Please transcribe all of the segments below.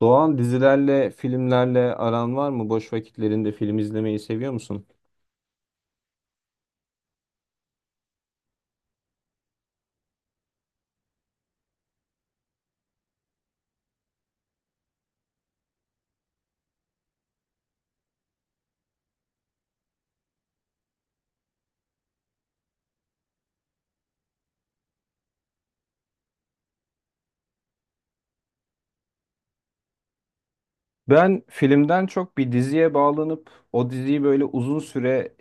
Doğan dizilerle, filmlerle aran var mı? Boş vakitlerinde film izlemeyi seviyor musun? Ben filmden çok bir diziye bağlanıp o diziyi böyle uzun süre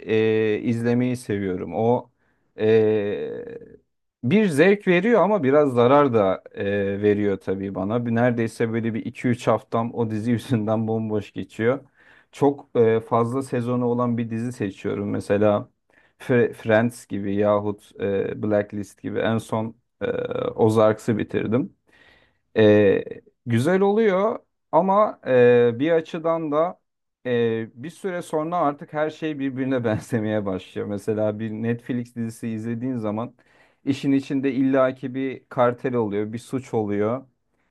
izlemeyi seviyorum. O e, bir zevk veriyor ama biraz zarar da veriyor tabii bana. Neredeyse böyle bir iki üç haftam o dizi yüzünden bomboş geçiyor. Çok fazla sezonu olan bir dizi seçiyorum. Mesela Friends gibi yahut Blacklist gibi en son e, Ozarks'ı bitirdim. E, Güzel oluyor ama bir açıdan da bir süre sonra artık her şey birbirine benzemeye başlıyor. Mesela bir Netflix dizisi izlediğin zaman işin içinde illaki bir kartel oluyor, bir suç oluyor.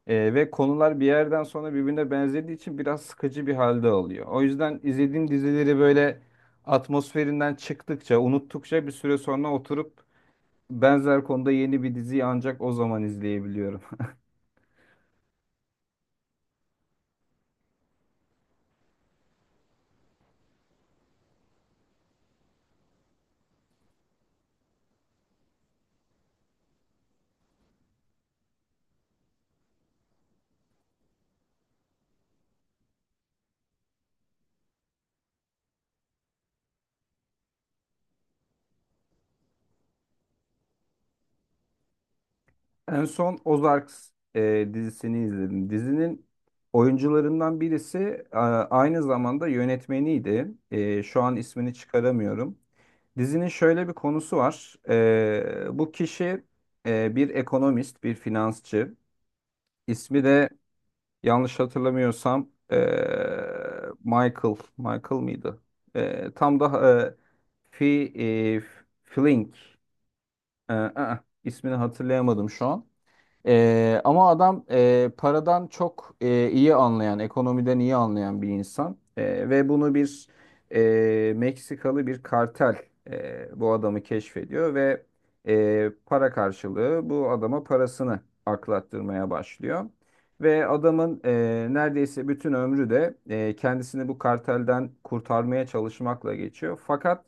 Ve konular bir yerden sonra birbirine benzediği için biraz sıkıcı bir halde alıyor. O yüzden izlediğim dizileri böyle atmosferinden çıktıkça, unuttukça bir süre sonra oturup benzer konuda yeni bir diziyi ancak o zaman izleyebiliyorum. En son Ozarks dizisini izledim. Dizinin oyuncularından birisi aynı zamanda yönetmeniydi. Şu an ismini çıkaramıyorum. Dizinin şöyle bir konusu var. Bu kişi bir ekonomist, bir finansçı. İsmi de yanlış hatırlamıyorsam Michael. Michael mıydı? Tam da Fi, e, Flink. İsmini hatırlayamadım şu an. Ama adam paradan çok iyi anlayan, ekonomiden iyi anlayan bir insan. Ve bunu bir Meksikalı bir kartel, bu adamı keşfediyor ve para karşılığı bu adama parasını aklattırmaya başlıyor. Ve adamın neredeyse bütün ömrü de kendisini bu kartelden kurtarmaya çalışmakla geçiyor. Fakat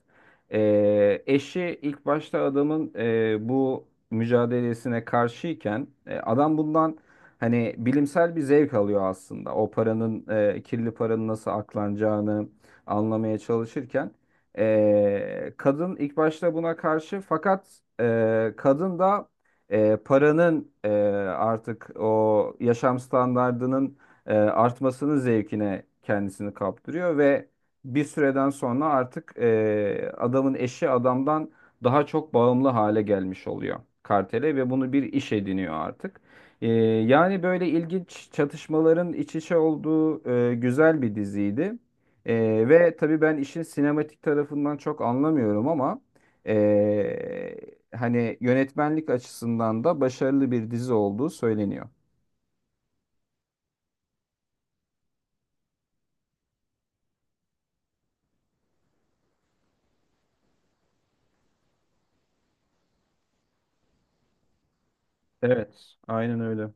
eşi ilk başta adamın bu mücadelesine karşıyken adam bundan hani bilimsel bir zevk alıyor aslında. O paranın, kirli paranın nasıl aklanacağını anlamaya çalışırken kadın ilk başta buna karşı, fakat kadın da e, paranın e, artık o yaşam standardının artmasının zevkine kendisini kaptırıyor ve bir süreden sonra artık adamın eşi adamdan daha çok bağımlı hale gelmiş oluyor kartele ve bunu bir iş ediniyor artık. E, yani böyle ilginç çatışmaların iç içe olduğu güzel bir diziydi. E, ve tabii ben işin sinematik tarafından çok anlamıyorum, ama e, hani yönetmenlik açısından da başarılı bir dizi olduğu söyleniyor. Evet, aynen öyle.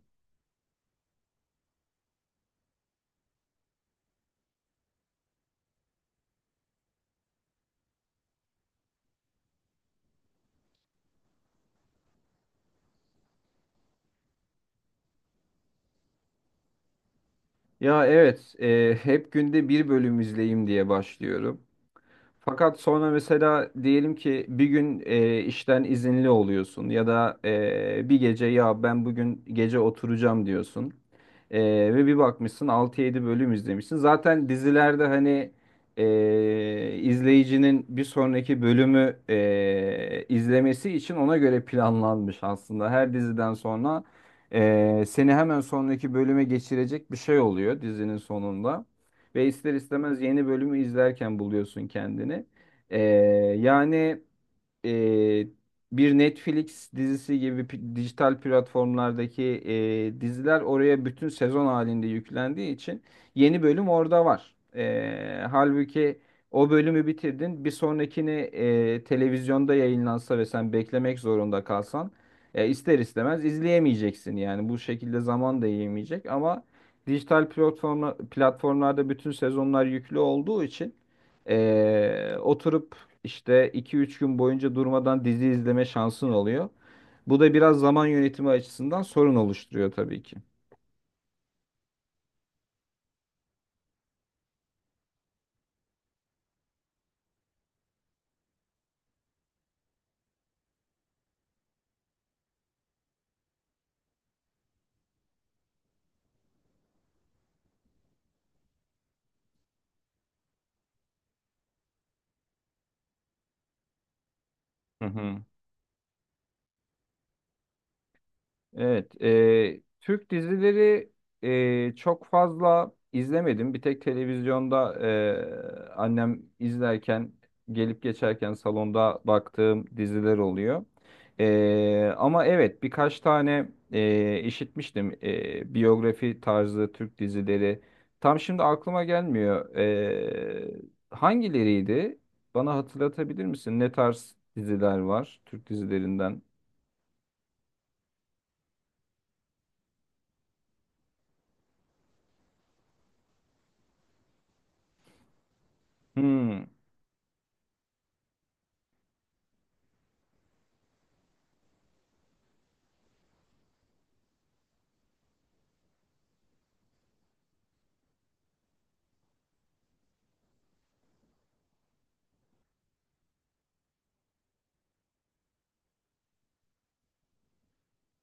Ya evet, hep günde bir bölüm izleyeyim diye başlıyorum. Fakat sonra mesela diyelim ki bir gün işten izinli oluyorsun ya da bir gece ya ben bugün gece oturacağım diyorsun. E, ve bir bakmışsın altı yedi bölüm izlemişsin. Zaten dizilerde hani izleyicinin bir sonraki bölümü izlemesi için ona göre planlanmış aslında. Her diziden sonra seni hemen sonraki bölüme geçirecek bir şey oluyor dizinin sonunda. Ve ister istemez yeni bölümü izlerken buluyorsun kendini. Ee, yani e, bir Netflix dizisi gibi dijital platformlardaki diziler oraya bütün sezon halinde yüklendiği için yeni bölüm orada var. Halbuki o bölümü bitirdin, bir sonrakini televizyonda yayınlansa ve sen beklemek zorunda kalsan ister istemez izleyemeyeceksin. Yani bu şekilde zaman da yiyemeyecek, ama platformlarda bütün sezonlar yüklü olduğu için oturup işte iki üç gün boyunca durmadan dizi izleme şansın oluyor. Bu da biraz zaman yönetimi açısından sorun oluşturuyor tabii ki. Hı hı. Evet, Türk dizileri çok fazla izlemedim. Bir tek televizyonda annem izlerken, gelip geçerken salonda baktığım diziler oluyor. Ama evet, birkaç tane işitmiştim biyografi tarzı Türk dizileri. Tam şimdi aklıma gelmiyor. Hangileriydi? Bana hatırlatabilir misin? Ne tarz diziler var Türk dizilerinden? Hmm.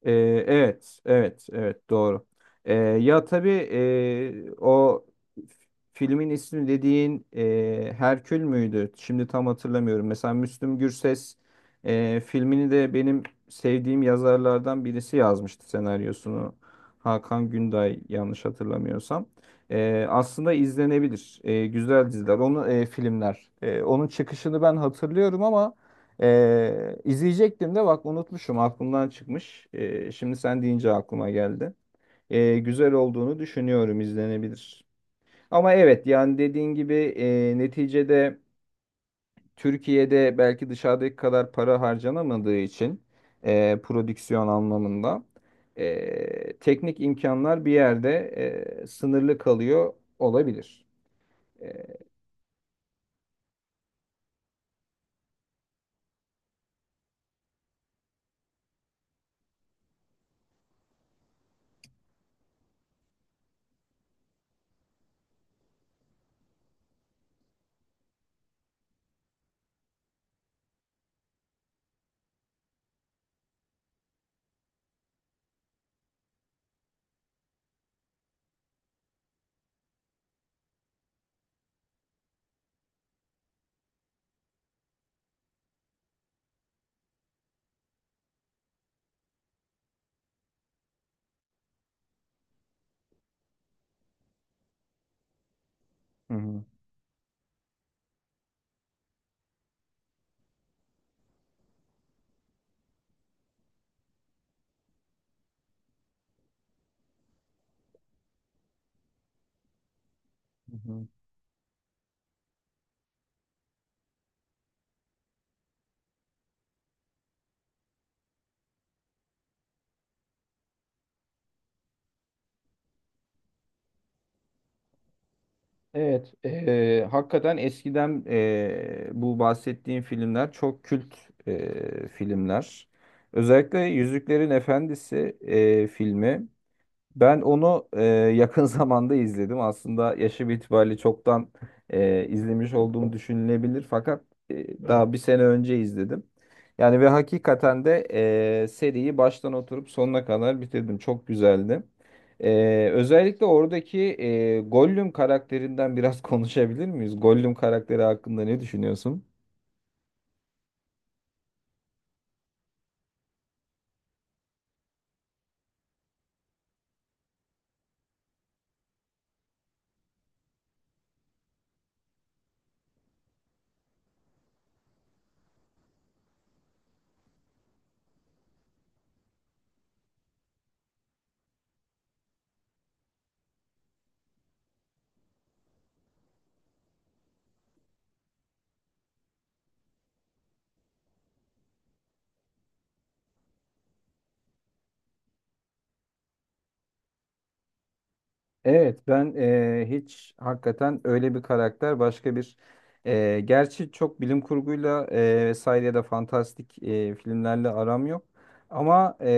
Ee, evet, evet, evet doğru. Ya tabii o filmin ismi dediğin Herkül müydü? Şimdi tam hatırlamıyorum. Mesela Müslüm Gürses filmini de benim sevdiğim yazarlardan birisi yazmıştı senaryosunu. Hakan Günday yanlış hatırlamıyorsam. Aslında izlenebilir. Güzel diziler, onu filmler. Onun çıkışını ben hatırlıyorum ama. İzleyecektim de bak unutmuşum, aklımdan çıkmış. Şimdi sen deyince aklıma geldi. Güzel olduğunu düşünüyorum, izlenebilir. Ama evet, yani dediğin gibi neticede Türkiye'de belki dışarıdaki kadar para harcanamadığı için prodüksiyon anlamında teknik imkanlar bir yerde sınırlı kalıyor olabilir. E, Hı hı. Hı hı. Evet, hakikaten eskiden bu bahsettiğim filmler çok kült filmler. Özellikle Yüzüklerin Efendisi filmi. Ben onu yakın zamanda izledim. Aslında yaşım itibariyle çoktan izlemiş olduğum düşünülebilir. Fakat daha bir sene önce izledim. Yani ve hakikaten de seriyi baştan oturup sonuna kadar bitirdim. Çok güzeldi. Özellikle oradaki Gollum karakterinden biraz konuşabilir miyiz? Gollum karakteri hakkında ne düşünüyorsun? Evet, ben hiç hakikaten öyle bir karakter başka bir, gerçi çok bilim kurguyla vesaire ya da fantastik filmlerle aram yok. Ama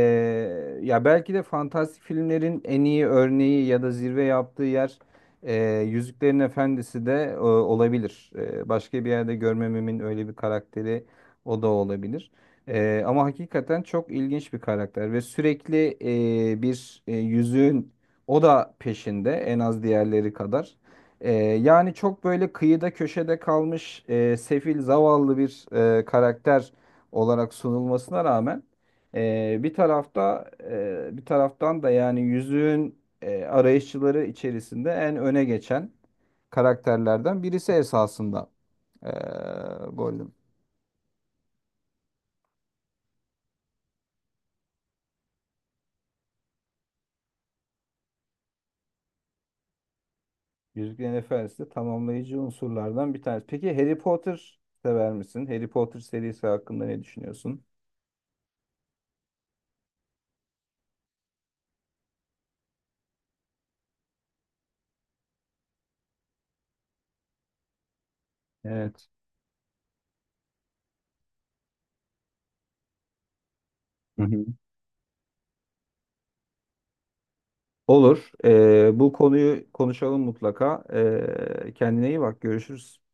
ya belki de fantastik filmlerin en iyi örneği ya da zirve yaptığı yer Yüzüklerin Efendisi de olabilir. Başka bir yerde görmememin öyle bir karakteri o da olabilir. Ama hakikaten çok ilginç bir karakter ve sürekli bir yüzüğün o da peşinde, en az diğerleri kadar. Yani çok böyle kıyıda köşede kalmış sefil zavallı bir karakter olarak sunulmasına rağmen bir taraftan da yani yüzüğün arayışçıları içerisinde en öne geçen karakterlerden birisi esasında e, Gollum. Yüzüklerin Efendisi de tamamlayıcı unsurlardan bir tanesi. Peki Harry Potter sever misin? Harry Potter serisi hakkında ne düşünüyorsun? Evet. Hı hı. Olur. Bu konuyu konuşalım mutlaka. Kendine iyi bak. Görüşürüz.